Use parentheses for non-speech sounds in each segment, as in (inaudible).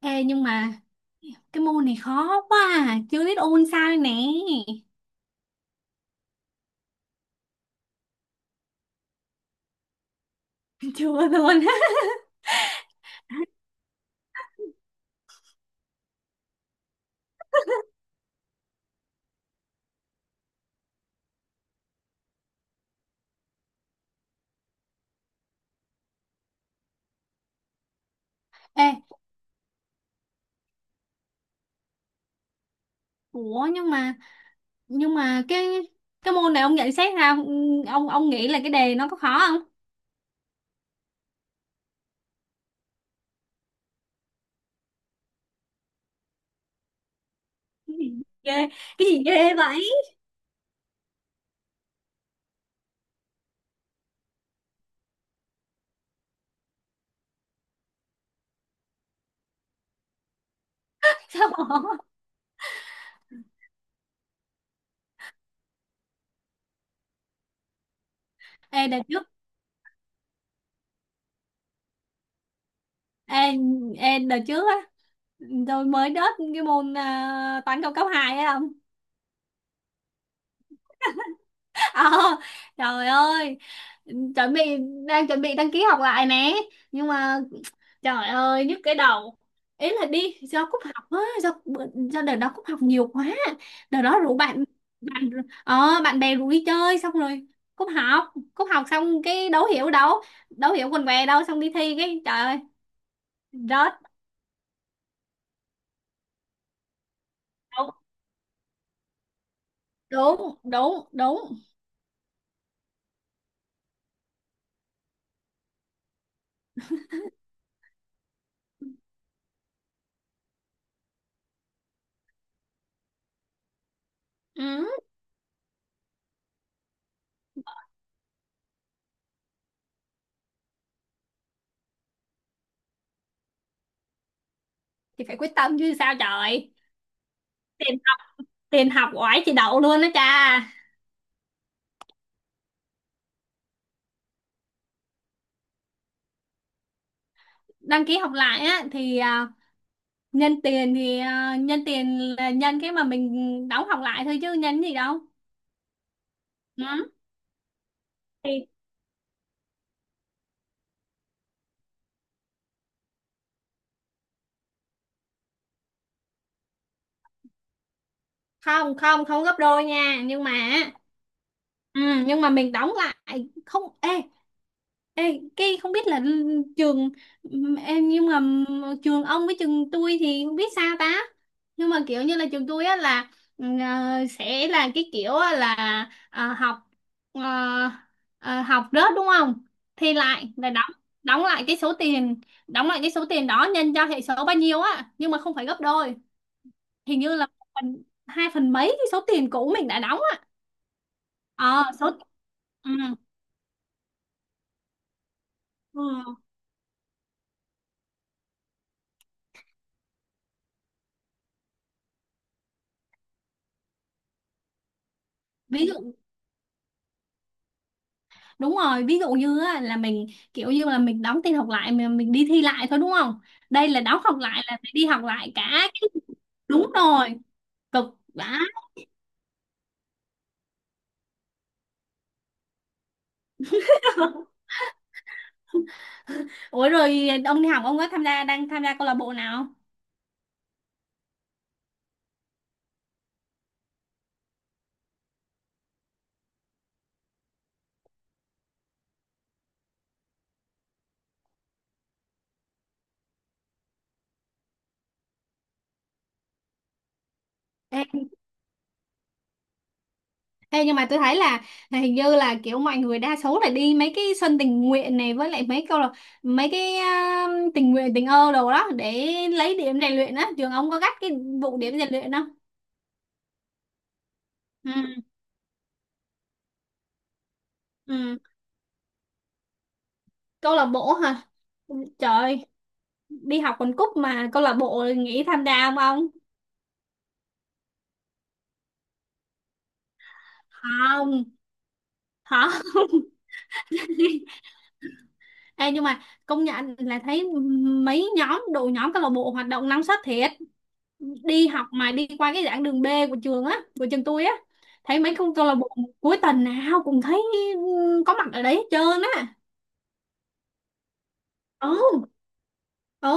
Ê, nhưng mà cái môn này khó quá à. Chưa biết ôn sao đây nè. (laughs) Chưa luôn. Ê, ủa nhưng mà cái môn này ông nhận xét ra ông nghĩ là cái đề nó có khó không? Cái gì ghê, cái gì ghê vậy? (laughs) Sao bỏ? Ê đợt trước, ê, ê đợt trước á, tôi mới đớt cái môn toán cao cấp 2 á. Ờ, trời ơi chuẩn bị đang chuẩn bị đăng ký học lại nè, nhưng mà trời ơi nhức cái đầu. Ý là đi do cúp học á do đợt đó cúp học nhiều quá. Đợt đó rủ bạn, bạn bạn bè rủ đi chơi, xong rồi cúp học xong cái đấu hiểu đâu, đấu hiểu quần què đâu, xong đi thi cái trời ơi rớt. Đúng đúng đúng đúng. Ừ. Thì phải quyết tâm chứ sao trời. Tiền tiền học oải chị đậu luôn đó cha. Đăng ký học lại á thì, à, nhân tiền là nhân cái mà mình đóng học lại thôi chứ nhân gì đâu. Ừ. Thì không không không gấp đôi nha, nhưng mà, ừ, nhưng mà mình đóng lại không. Ê, cái không biết là trường, em nhưng mà trường ông với trường tôi thì không biết sao ta. Nhưng mà kiểu như là trường tôi á là, sẽ là cái kiểu á là, ờ, học ờ, học rớt đúng không, thì lại là đóng, đóng lại cái số tiền đóng lại cái số tiền đó nhân cho hệ số bao nhiêu á, nhưng mà không phải gấp đôi. Hình như là một phần hai phần mấy cái số tiền cũ mình đã đóng á. Ờ số Ừ. Ờ, ví dụ Đúng rồi. Ví dụ như á, là mình kiểu như là mình đóng tin học lại, mình đi thi lại thôi đúng không? Đây là đóng học lại là phải đi học lại cả. Đúng rồi. Cực. Đã. (laughs) Ủa rồi ông đi học ông có tham gia, câu lạc bộ nào không? Ê, ê, Nhưng mà tôi thấy là, hình như là kiểu mọi người đa số là đi mấy cái sân tình nguyện này với lại, mấy câu là mấy cái, tình nguyện tình ơ đồ đó để lấy điểm rèn luyện á. Trường ông có gắt cái vụ điểm rèn luyện không? Ừ, ừ. Câu lạc bộ hả? Ừ, trời, đi học quần cúc mà câu lạc bộ nghĩ tham gia không ông. Không. Không. (laughs) Ê, nhưng mà công nhận là thấy mấy nhóm, đội nhóm câu lạc bộ hoạt động năng suất thiệt. Đi học mà đi qua cái giảng đường B của trường tôi á, thấy mấy con câu lạc bộ cuối tuần nào cũng thấy, ừ, có mặt ở đấy hết trơn á. Ừ. Ừ.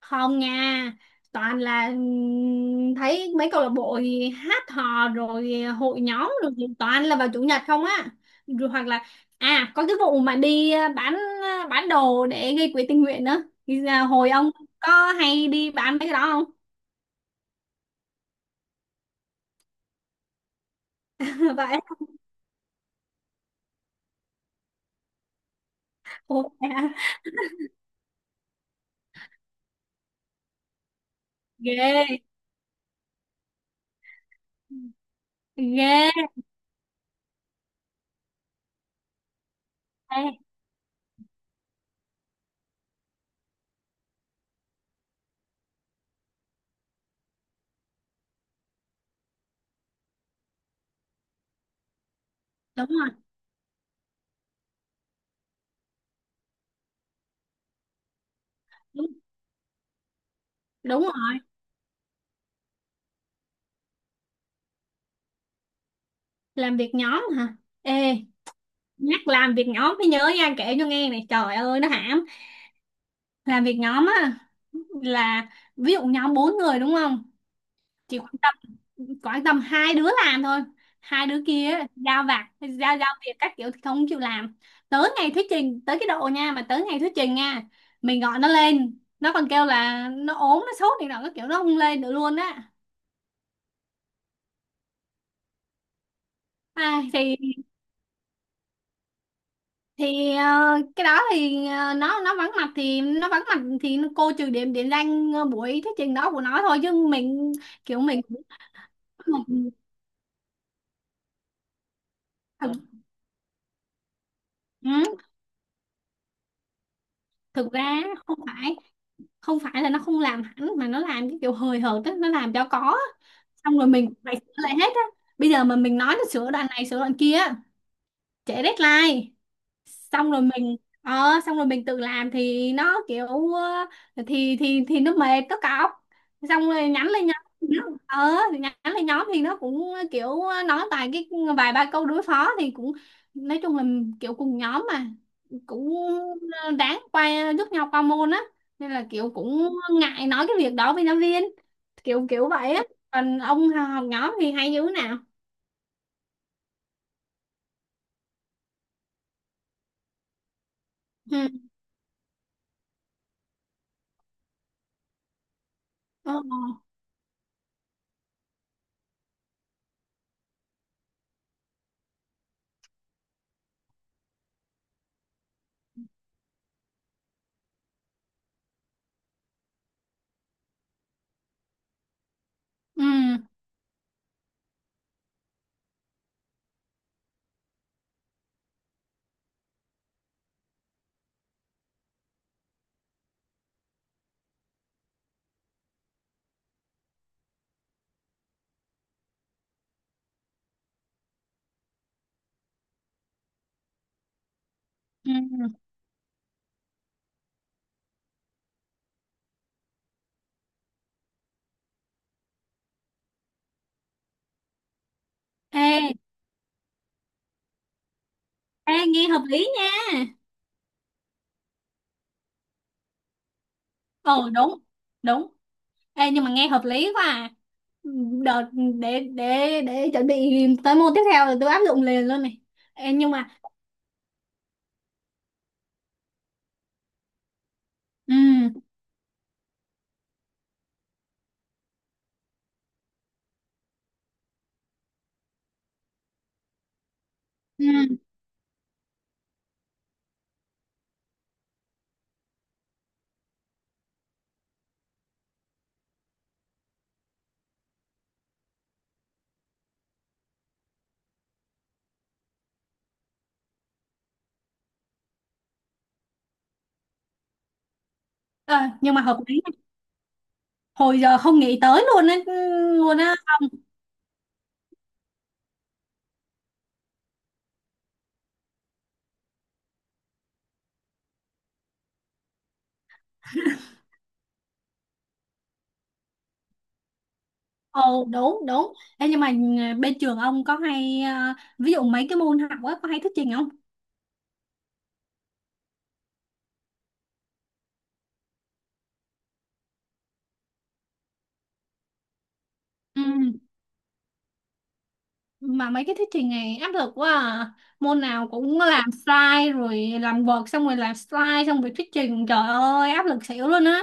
Không nha, toàn là, thấy mấy câu lạc bộ thì hát hò rồi hội nhóm rồi thì toàn là vào chủ nhật không á. Rồi hoặc là, có cái vụ mà đi, à, bán đồ để gây quỹ tình nguyện nữa thì là hồi ông có hay đi bán mấy cái đó không? (laughs) Vậy. Ủa, à, ghê. Ghê. Ê, đúng rồi. Đúng, đúng rồi. Làm việc nhóm hả? Ê, nhắc làm việc nhóm mới nhớ nha, kể cho nghe này, trời ơi nó hãm. Làm việc nhóm á là, ví dụ nhóm bốn người đúng không, chỉ quan tâm, hai đứa làm thôi. Hai đứa kia á, giao vặt, giao giao việc các kiểu thì không chịu làm. Tới ngày thuyết trình tới cái độ nha mà Tới ngày thuyết trình nha, mình gọi nó lên nó còn kêu là nó ốm nó sốt thì nào các kiểu, nó không lên được luôn á. à, thì cái đó thì, nó vắng mặt thì nó vắng mặt cô trừ điểm, điểm danh, buổi thuyết trình đó của nó thôi, chứ mình kiểu mình, ừ. Thực ra không phải không phải là nó không làm hẳn, mà nó làm cái kiểu hời hợt á, nó làm cho có. Xong rồi mình phải sửa lại hết á, bây giờ mà mình nói nó sửa đoạn này sửa đoạn kia á, trễ deadline. Xong rồi mình, xong rồi mình tự làm thì nó kiểu, ờ, thì nó mệt nó cọc, xong rồi nhắn lên nhóm thì nhắn lên nhóm thì nó cũng kiểu nói vài ba câu đối phó thì cũng, nói chung là kiểu cùng nhóm mà, cũng, ờ, đáng quay giúp nhau qua môn á, nên là kiểu cũng ngại nói cái việc đó với giáo viên, kiểu kiểu vậy á. Còn ông học nhóm thì hay dữ nào. Ừ. Ờ. Ừ. Ừ. Ừ. Ê, ê nghe hợp lý nha. Ờ đúng. Đúng. Ê, nhưng mà nghe hợp lý quá à. Đợt, để chuẩn bị tới môn tiếp theo là tôi áp dụng liền luôn này. Ê, nhưng mà, ừ, ừ, ờ, nhưng mà hợp lý, hồi giờ không nghĩ tới luôn á, luôn á. Ồ đúng đúng. Ê, nhưng mà, ờ, bên trường ông có hay, ờ, ví dụ mấy cái môn học á có hay thuyết trình không? Ừ. Mà mấy cái thuyết trình này áp lực quá à. Môn nào cũng làm slide rồi làm vợt xong rồi làm slide xong rồi thuyết trình. Trời ơi áp lực xỉu luôn á.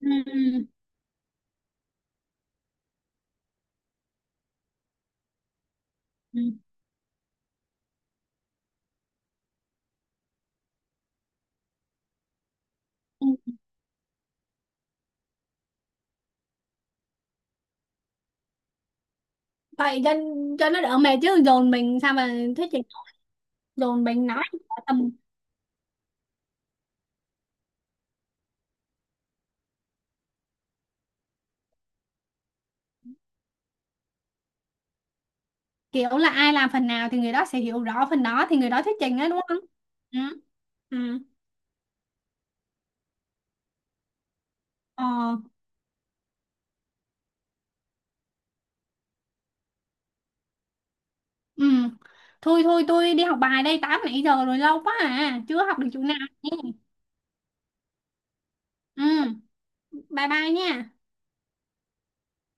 Ừ. Ừ. Ừ. Ừ. Vậy cho nó đỡ mệt chứ dồn mình sao mà thuyết trình. Dồn mình nói tầm, kiểu là ai làm phần nào thì người đó sẽ hiểu rõ phần đó thì người đó thuyết trình á đúng không? Ừ. Ừ. Ờ. Ừ. Thôi thôi tôi đi học bài đây, 8 nãy giờ rồi lâu quá à, chưa học được chỗ nào nhé. Ừ, bye bye nha.